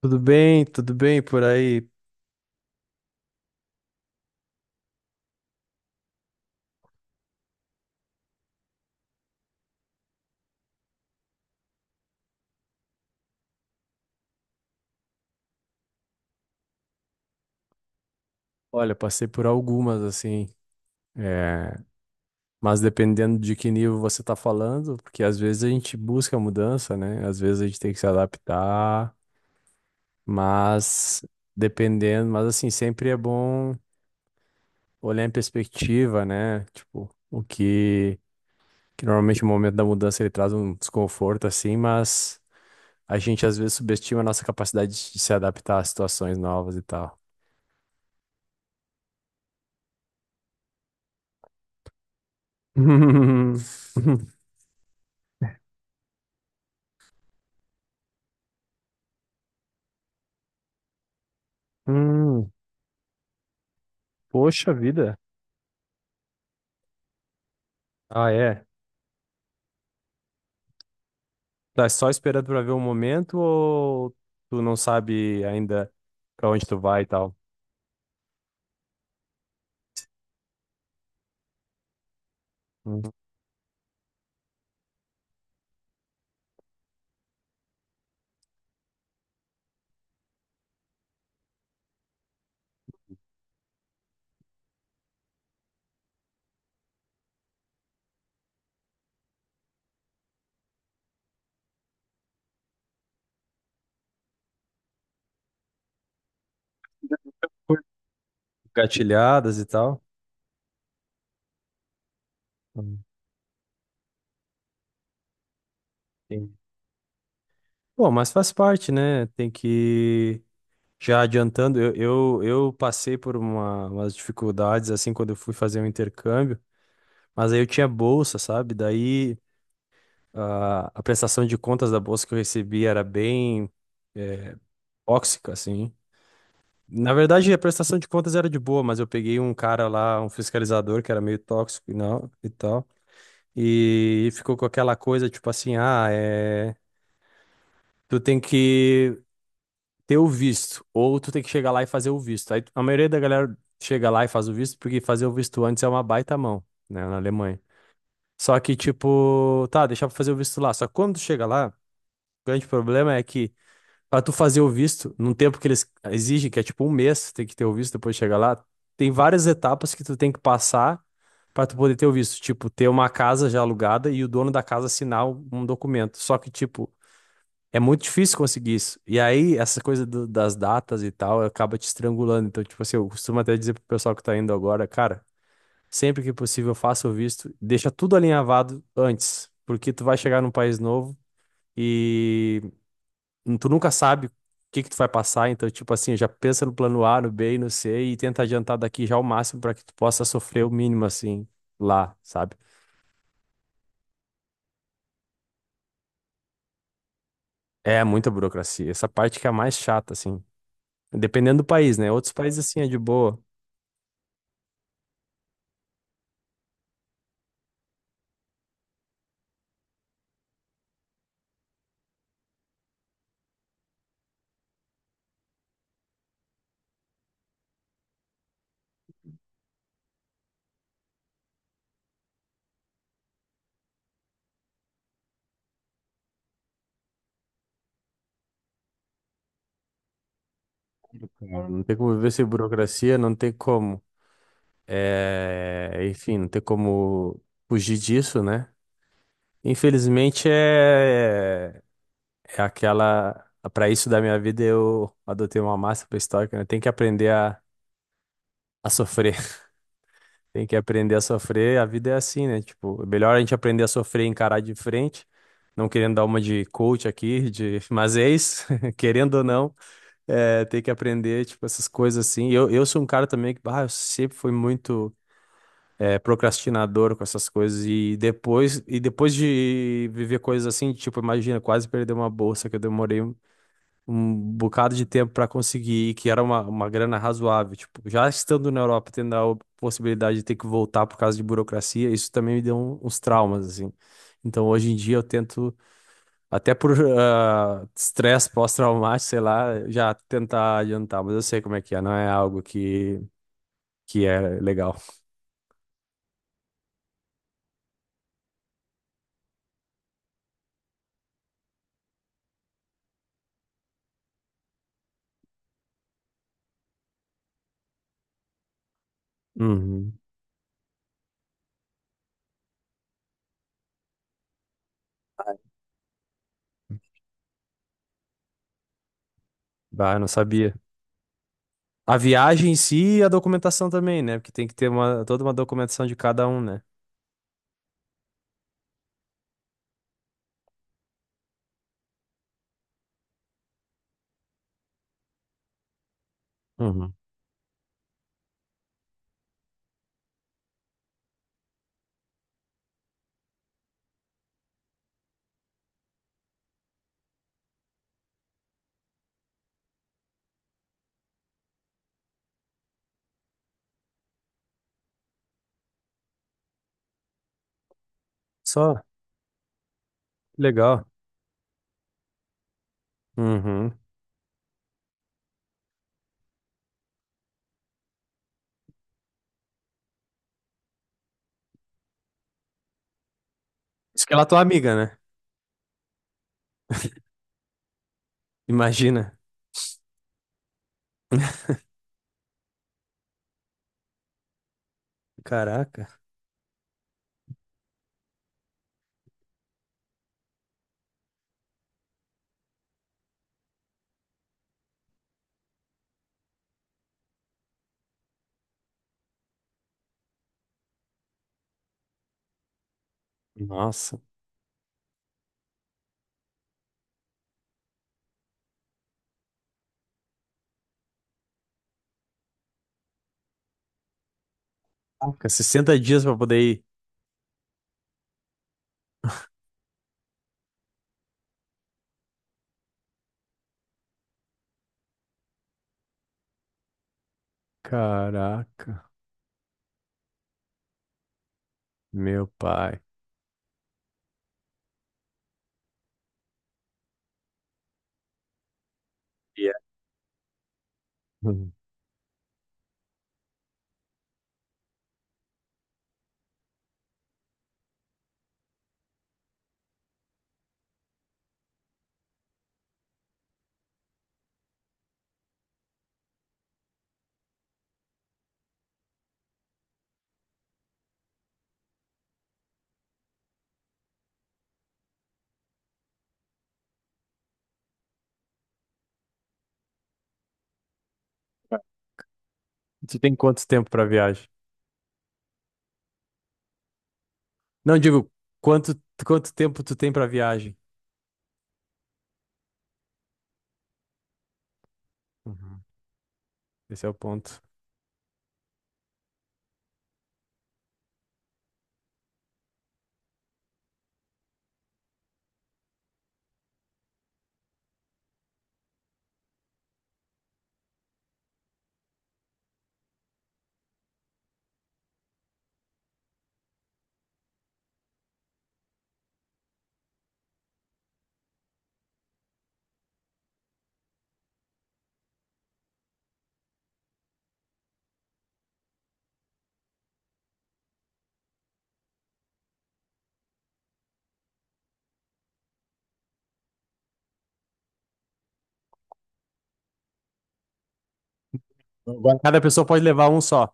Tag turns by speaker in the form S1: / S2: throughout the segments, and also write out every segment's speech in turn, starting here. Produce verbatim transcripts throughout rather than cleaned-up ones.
S1: Tudo bem, tudo bem por aí. Olha, passei por algumas assim, é, mas dependendo de que nível você está falando, porque às vezes a gente busca mudança, né? Às vezes a gente tem que se adaptar, mas dependendo, mas assim, sempre é bom olhar em perspectiva, né? Tipo, o que, que normalmente o momento da mudança ele traz um desconforto assim, mas a gente às vezes subestima a nossa capacidade de se adaptar a situações novas e tal. Hum. Poxa vida. Ah, é. Tá só esperando pra ver o momento ou tu não sabe ainda pra onde tu vai e tal? Hum. Gatilhadas e tal? Hum, Entendi. Bom, mas faz parte, né? Tem que. Já adiantando, eu, eu, eu passei por uma, umas dificuldades assim quando eu fui fazer o intercâmbio, mas aí eu tinha bolsa, sabe? Daí a, a prestação de contas da bolsa que eu recebi era bem é, tóxica, assim. Na verdade, a prestação de contas era de boa, mas eu peguei um cara lá, um fiscalizador que era meio tóxico e não, e tal. E ficou com aquela coisa, tipo assim, ah, é, tu tem que ter o visto, ou tu tem que chegar lá e fazer o visto. Aí a maioria da galera chega lá e faz o visto, porque fazer o visto antes é uma baita mão, né, na Alemanha. Só que, tipo, tá, deixar pra fazer o visto lá. Só que quando tu chega lá, o grande problema é que pra tu fazer o visto, num tempo que eles exigem, que é tipo um mês, tem que ter o visto depois de chegar lá, tem várias etapas que tu tem que passar pra tu poder ter o visto. Tipo, ter uma casa já alugada e o dono da casa assinar um um documento. Só que, tipo, é muito difícil conseguir isso. E aí, essa coisa do- das datas e tal, acaba te estrangulando. Então, tipo assim, eu costumo até dizer pro pessoal que tá indo agora, cara, sempre que possível, faça o visto, deixa tudo alinhavado antes, porque tu vai chegar num país novo. E tu nunca sabe o que que tu vai passar, então, tipo assim, já pensa no plano A, no B e no C e tenta adiantar daqui já o máximo para que tu possa sofrer o mínimo, assim, lá, sabe? É muita burocracia. Essa parte que é a mais chata, assim. Dependendo do país, né? Outros países, assim, é de boa. Não tem como viver sem burocracia, não tem como. É... Enfim, não tem como fugir disso, né? Infelizmente, é, é aquela. Para isso da minha vida, eu adotei uma máxima estoica, né? Tem que aprender a, a sofrer. Tem que aprender a sofrer, a vida é assim, né? Tipo, é melhor a gente aprender a sofrer e encarar de frente, não querendo dar uma de coach aqui, de... mas é isso, querendo ou não, é, tem que aprender, tipo, essas coisas assim. Eu, eu sou um cara também que, bah, eu sempre fui muito é, procrastinador com essas coisas e depois, e depois de viver coisas assim, tipo, imagina, quase perder uma bolsa que eu demorei um bocado de tempo para conseguir, e que era uma, uma grana razoável. Tipo, já estando na Europa, tendo a possibilidade de ter que voltar por causa de burocracia, isso também me deu um- uns traumas, assim. Então, hoje em dia, eu tento, até por ah, estresse pós-traumático, sei lá, já tentar adiantar, mas eu sei como é que é, não é algo que, que é legal. Uhum. Bah, eu não sabia. A viagem em si e a documentação também, né? Porque tem que ter uma, toda uma documentação de cada um, né? Uhum. Só, legal. Uhum. Isso que ela é tua amiga, né? Imagina. Caraca. Nossa. Caraca, sessenta dias pra poder ir. Caraca. Meu pai. Yeah. Hum. Tu tem quanto tempo pra viagem? Não, digo, quanto, quanto tempo tu tem pra viagem? Uhum. Esse é o ponto. Agora, cada pessoa pode levar um só.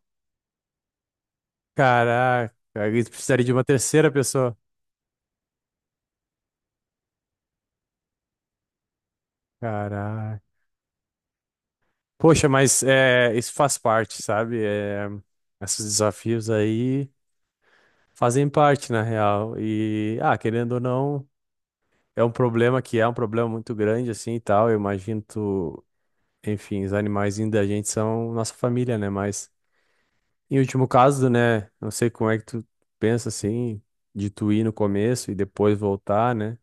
S1: Caraca. Isso precisaria de uma terceira pessoa. Caraca. Poxa, mas é, isso faz parte, sabe? É, esses desafios aí. Fazem parte, na real. E, ah, querendo ou não, é um problema que é um problema muito grande, assim, e tal. Eu imagino tu, enfim, os animais da gente são nossa família, né? Mas, em último caso, né? Não sei como é que tu pensa, assim, de tu ir no começo e depois voltar, né?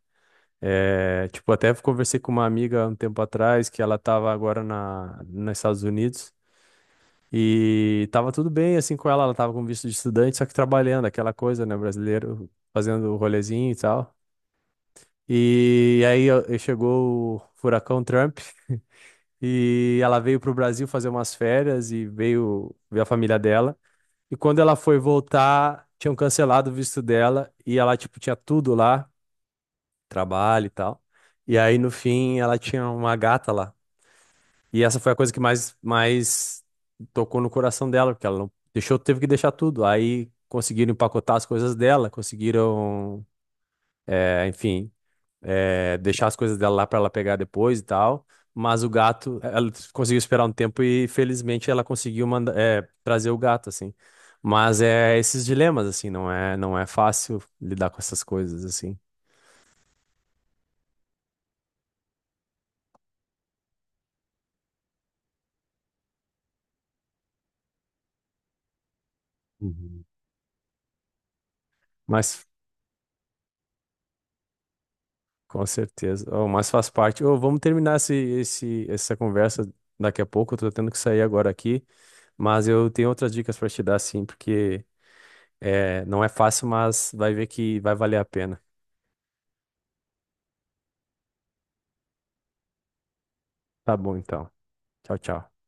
S1: É, tipo, até conversei com uma amiga um tempo atrás, que ela tava agora na, nos Estados Unidos. E tava tudo bem, assim, com ela. Ela tava com visto de estudante, só que trabalhando, aquela coisa, né? Brasileiro fazendo o rolezinho e tal. E aí ó, e chegou o furacão Trump e ela veio para o Brasil fazer umas férias e veio ver a família dela. E quando ela foi voltar, tinham cancelado o visto dela e ela tipo tinha tudo lá, trabalho e tal. E aí no fim ela tinha uma gata lá. E essa foi a coisa que mais mais tocou no coração dela, porque ela não deixou, teve que deixar tudo. Aí conseguiram empacotar as coisas dela, conseguiram, eh, enfim é, deixar as coisas dela lá para ela pegar depois e tal. Mas o gato, ela conseguiu esperar um tempo e felizmente ela conseguiu manda, é, trazer o gato, assim. Mas é esses dilemas, assim, não é, não é fácil lidar com essas coisas, assim. Uhum. Mas com certeza, oh, mas faz parte. Ô, vamos terminar esse, esse, essa conversa daqui a pouco. Eu tô tendo que sair agora aqui, mas eu tenho outras dicas para te dar, sim, porque é, não é fácil, mas vai ver que vai valer a pena. Tá bom, então. Tchau, tchau.